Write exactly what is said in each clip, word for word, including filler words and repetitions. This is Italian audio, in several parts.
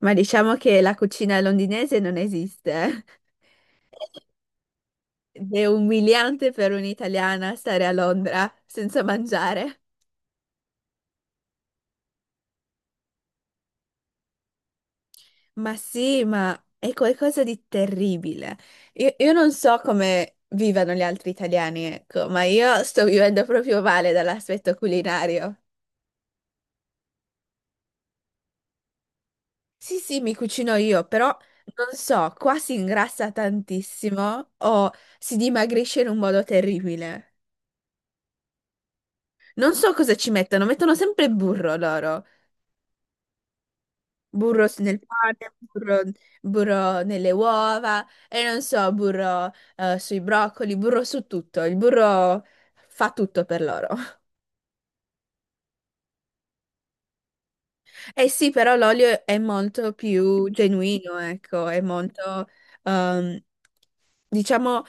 Ma diciamo che la cucina londinese non esiste. Eh. Ed è umiliante per un'italiana stare a Londra senza mangiare. Ma sì, ma è qualcosa di terribile. Io, io non so come vivano gli altri italiani, ecco, ma io sto vivendo proprio male dall'aspetto culinario. Sì, sì, mi cucino io, però non so, qua si ingrassa tantissimo o si dimagrisce in un modo terribile. Non so cosa ci mettono, mettono sempre burro loro. Burro s- nel pane, burro, burro nelle uova e non so, burro eh, sui broccoli, burro su tutto. Il burro fa tutto per loro. Eh sì, però l'olio è molto più genuino, ecco, è molto, ehm, diciamo,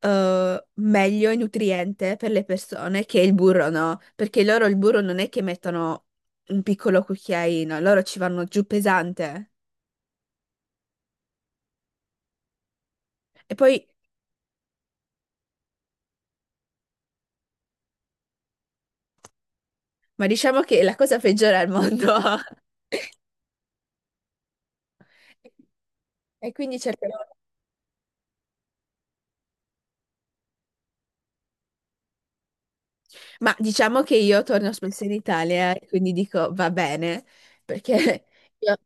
eh, meglio e nutriente per le persone che il burro, no? Perché loro il burro non è che mettono un piccolo cucchiaino, loro ci vanno giù pesante. E poi ma diciamo che la cosa peggiore al mondo. E quindi cercherò. Ma diciamo che io torno spesso in Italia eh, e quindi dico va bene, perché io,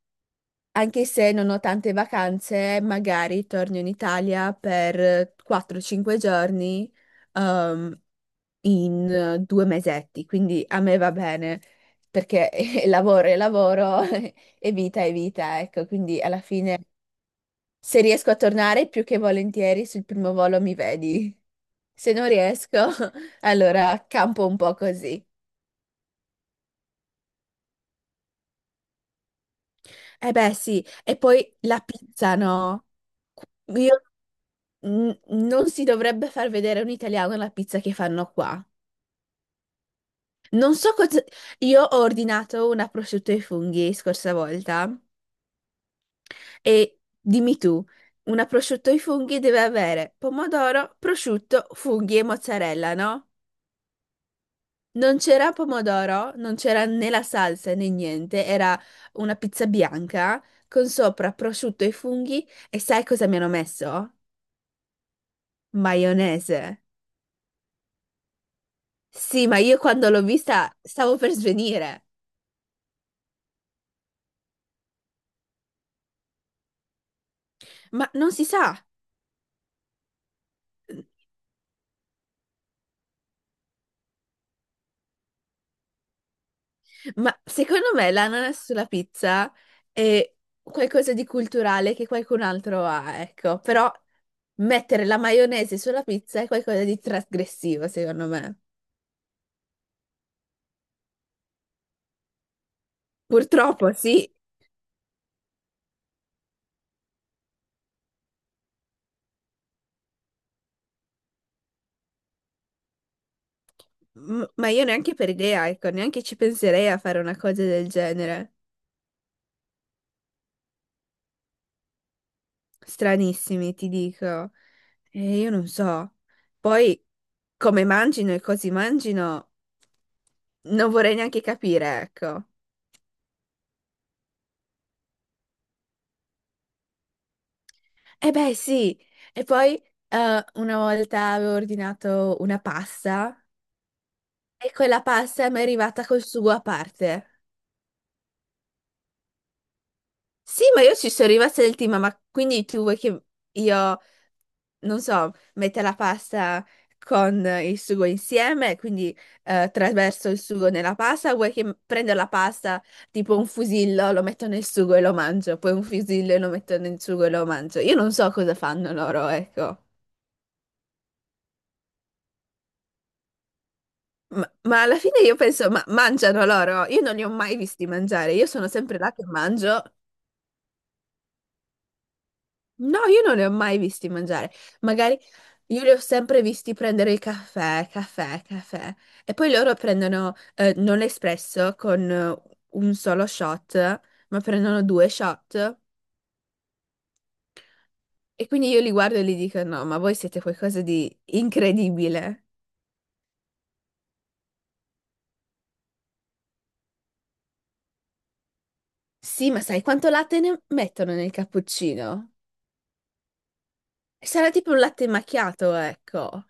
anche se non ho tante vacanze, magari torno in Italia per quattro cinque giorni ehm, in eh, due mesetti, quindi a me va bene, perché lavoro e lavoro e vita è vita, ecco, quindi alla fine se riesco a tornare più che volentieri sul primo volo mi vedi. Se non riesco, allora campo un po' così. Eh beh, sì, e poi la pizza, no? Io, n- non si dovrebbe far vedere un italiano la pizza che fanno qua. Non so cosa... Io ho ordinato una prosciutto ai funghi scorsa volta e dimmi tu, una prosciutto ai funghi deve avere pomodoro, prosciutto, funghi e mozzarella, no? Non c'era pomodoro, non c'era né la salsa né niente, era una pizza bianca con sopra prosciutto e funghi e sai cosa mi hanno messo? Maionese. Sì, ma io quando l'ho vista stavo per svenire, ma non si sa. Ma secondo me l'ananas sulla pizza è qualcosa di culturale che qualcun altro ha, ecco, però mettere la maionese sulla pizza è qualcosa di trasgressivo, secondo me. Purtroppo, sì. M- Ma io neanche per idea, ecco, neanche ci penserei a fare una cosa del genere. Stranissimi, ti dico. E io non so. Poi, come mangino e così mangino, non vorrei neanche capire, ecco. E beh, sì. E poi, eh, una volta avevo ordinato una pasta e quella pasta mi è arrivata col sugo a parte. Sì, ma io ci sono rimasta del team, ma quindi tu vuoi che io... non so, mette la pasta con il sugo insieme, quindi eh, traverso il sugo nella pasta, vuoi che prendo la pasta tipo un fusillo, lo metto nel sugo e lo mangio, poi un fusillo e lo metto nel sugo e lo mangio. Io non so cosa fanno loro, ecco. Ma, ma alla fine io penso, ma mangiano loro? Io non li ho mai visti mangiare, io sono sempre là che mangio. No, io non li ho mai visti mangiare. Magari io li ho sempre visti prendere il caffè, caffè, caffè. E poi loro prendono eh, non l'espresso con eh, un solo shot, ma prendono due shot. E quindi io li guardo e gli dico: No, ma voi siete qualcosa di incredibile. Sì, ma sai quanto latte ne mettono nel cappuccino? Sarà tipo un latte macchiato, ecco.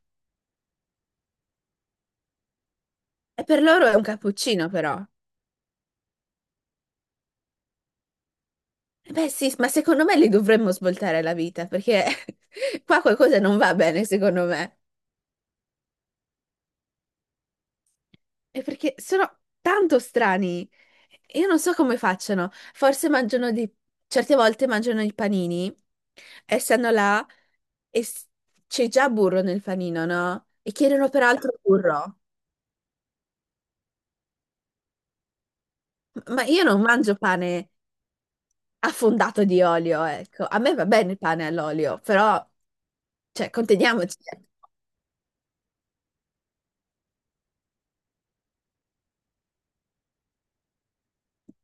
E per loro è un cappuccino, però. Beh sì, ma secondo me li dovremmo svoltare la vita perché qua qualcosa non va bene, secondo me. E perché sono tanto strani. Io non so come facciano. Forse mangiano dei... certe volte mangiano i panini e stanno là e s- c'è già burro nel panino, no? E chiedono peraltro burro. Ma io non mangio pane affondato di olio, ecco. A me va bene il pane all'olio, però, cioè, conteniamoci.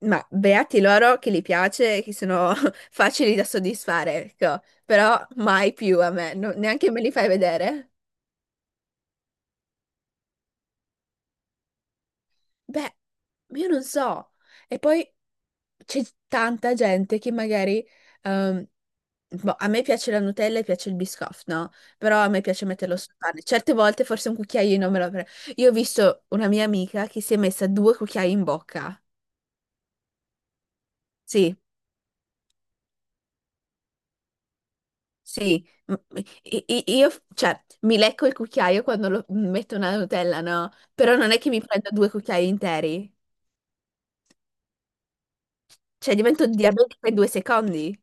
Ma beati loro che li piace, che sono facili da soddisfare, ecco. Però mai più a me, non- neanche me li fai vedere. Beh, io non so. E poi c'è tanta gente che magari... ehm, boh, a me piace la Nutella e piace il Biscoff, no? Però a me piace metterlo sul pane. Certe volte forse un cucchiaino me lo prendo. Io ho visto una mia amica che si è messa due cucchiai in bocca. Sì. Sì, m- i- i- io, cioè, mi lecco il cucchiaio quando lo- metto una Nutella, no? Però non è che mi prendo due cucchiai interi, cioè divento diabetica in due secondi.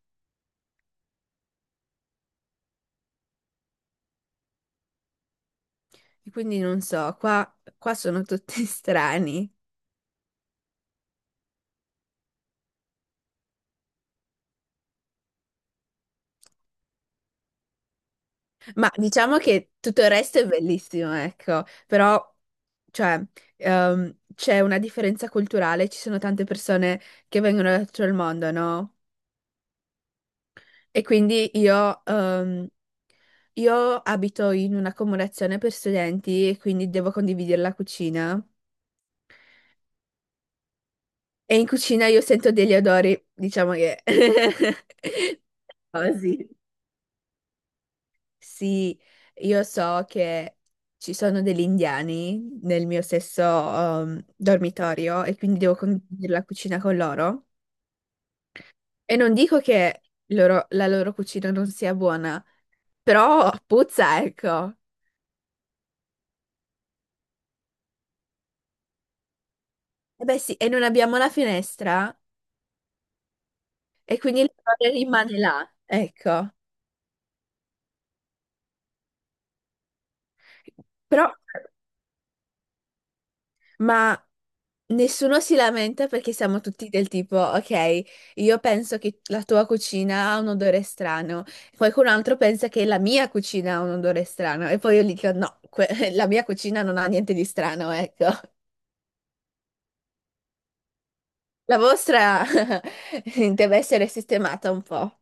E quindi non so, qua, qua sono tutti strani. Ma diciamo che tutto il resto è bellissimo, ecco. Però, cioè, ehm, c'è una differenza culturale, ci sono tante persone che vengono da tutto il mondo, no? E quindi io, ehm, io abito in un'accomodazione per studenti e quindi devo condividere la cucina. E in cucina io sento degli odori, diciamo che... Così. Sì, io so che ci sono degli indiani nel mio stesso ehm, dormitorio e quindi devo condividere la cucina con loro. E non dico che loro- la loro cucina non sia buona, però puzza, ecco. Eh beh sì, e non abbiamo la finestra e quindi l'errore rimane là, ecco. Però, ma nessuno si lamenta perché siamo tutti del tipo, ok, io penso che la tua cucina ha un odore strano, qualcun altro pensa che la mia cucina ha un odore strano e poi io gli dico, no, que- la mia cucina non ha niente di strano, ecco. La vostra deve essere sistemata un po'.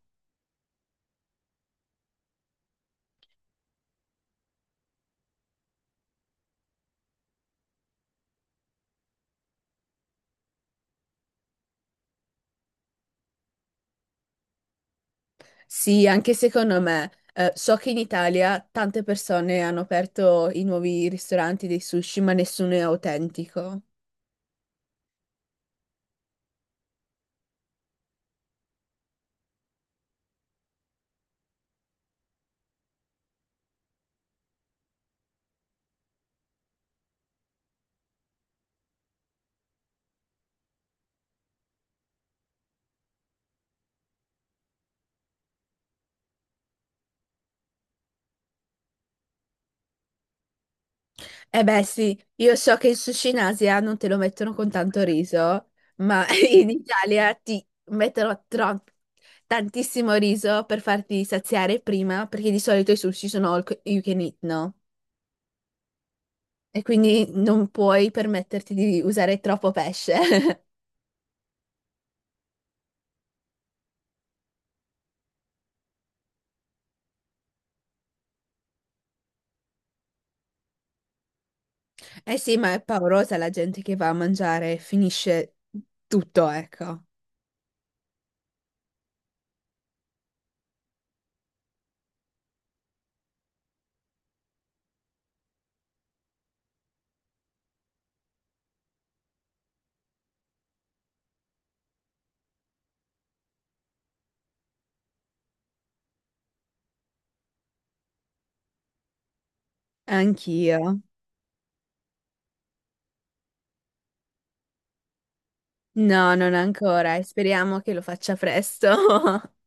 Sì, anche secondo me. Eh, so che in Italia tante persone hanno aperto i nuovi ristoranti dei sushi, ma nessuno è autentico. Eh beh, sì, io so che il sushi in Asia non te lo mettono con tanto riso, ma in Italia ti mettono tro- tantissimo riso per farti saziare prima, perché di solito i sushi sono all you can eat, no? E quindi non puoi permetterti di usare troppo pesce. Eh sì, ma è paurosa la gente che va a mangiare e finisce tutto, ecco. Anch'io. No, non ancora e speriamo che lo faccia presto.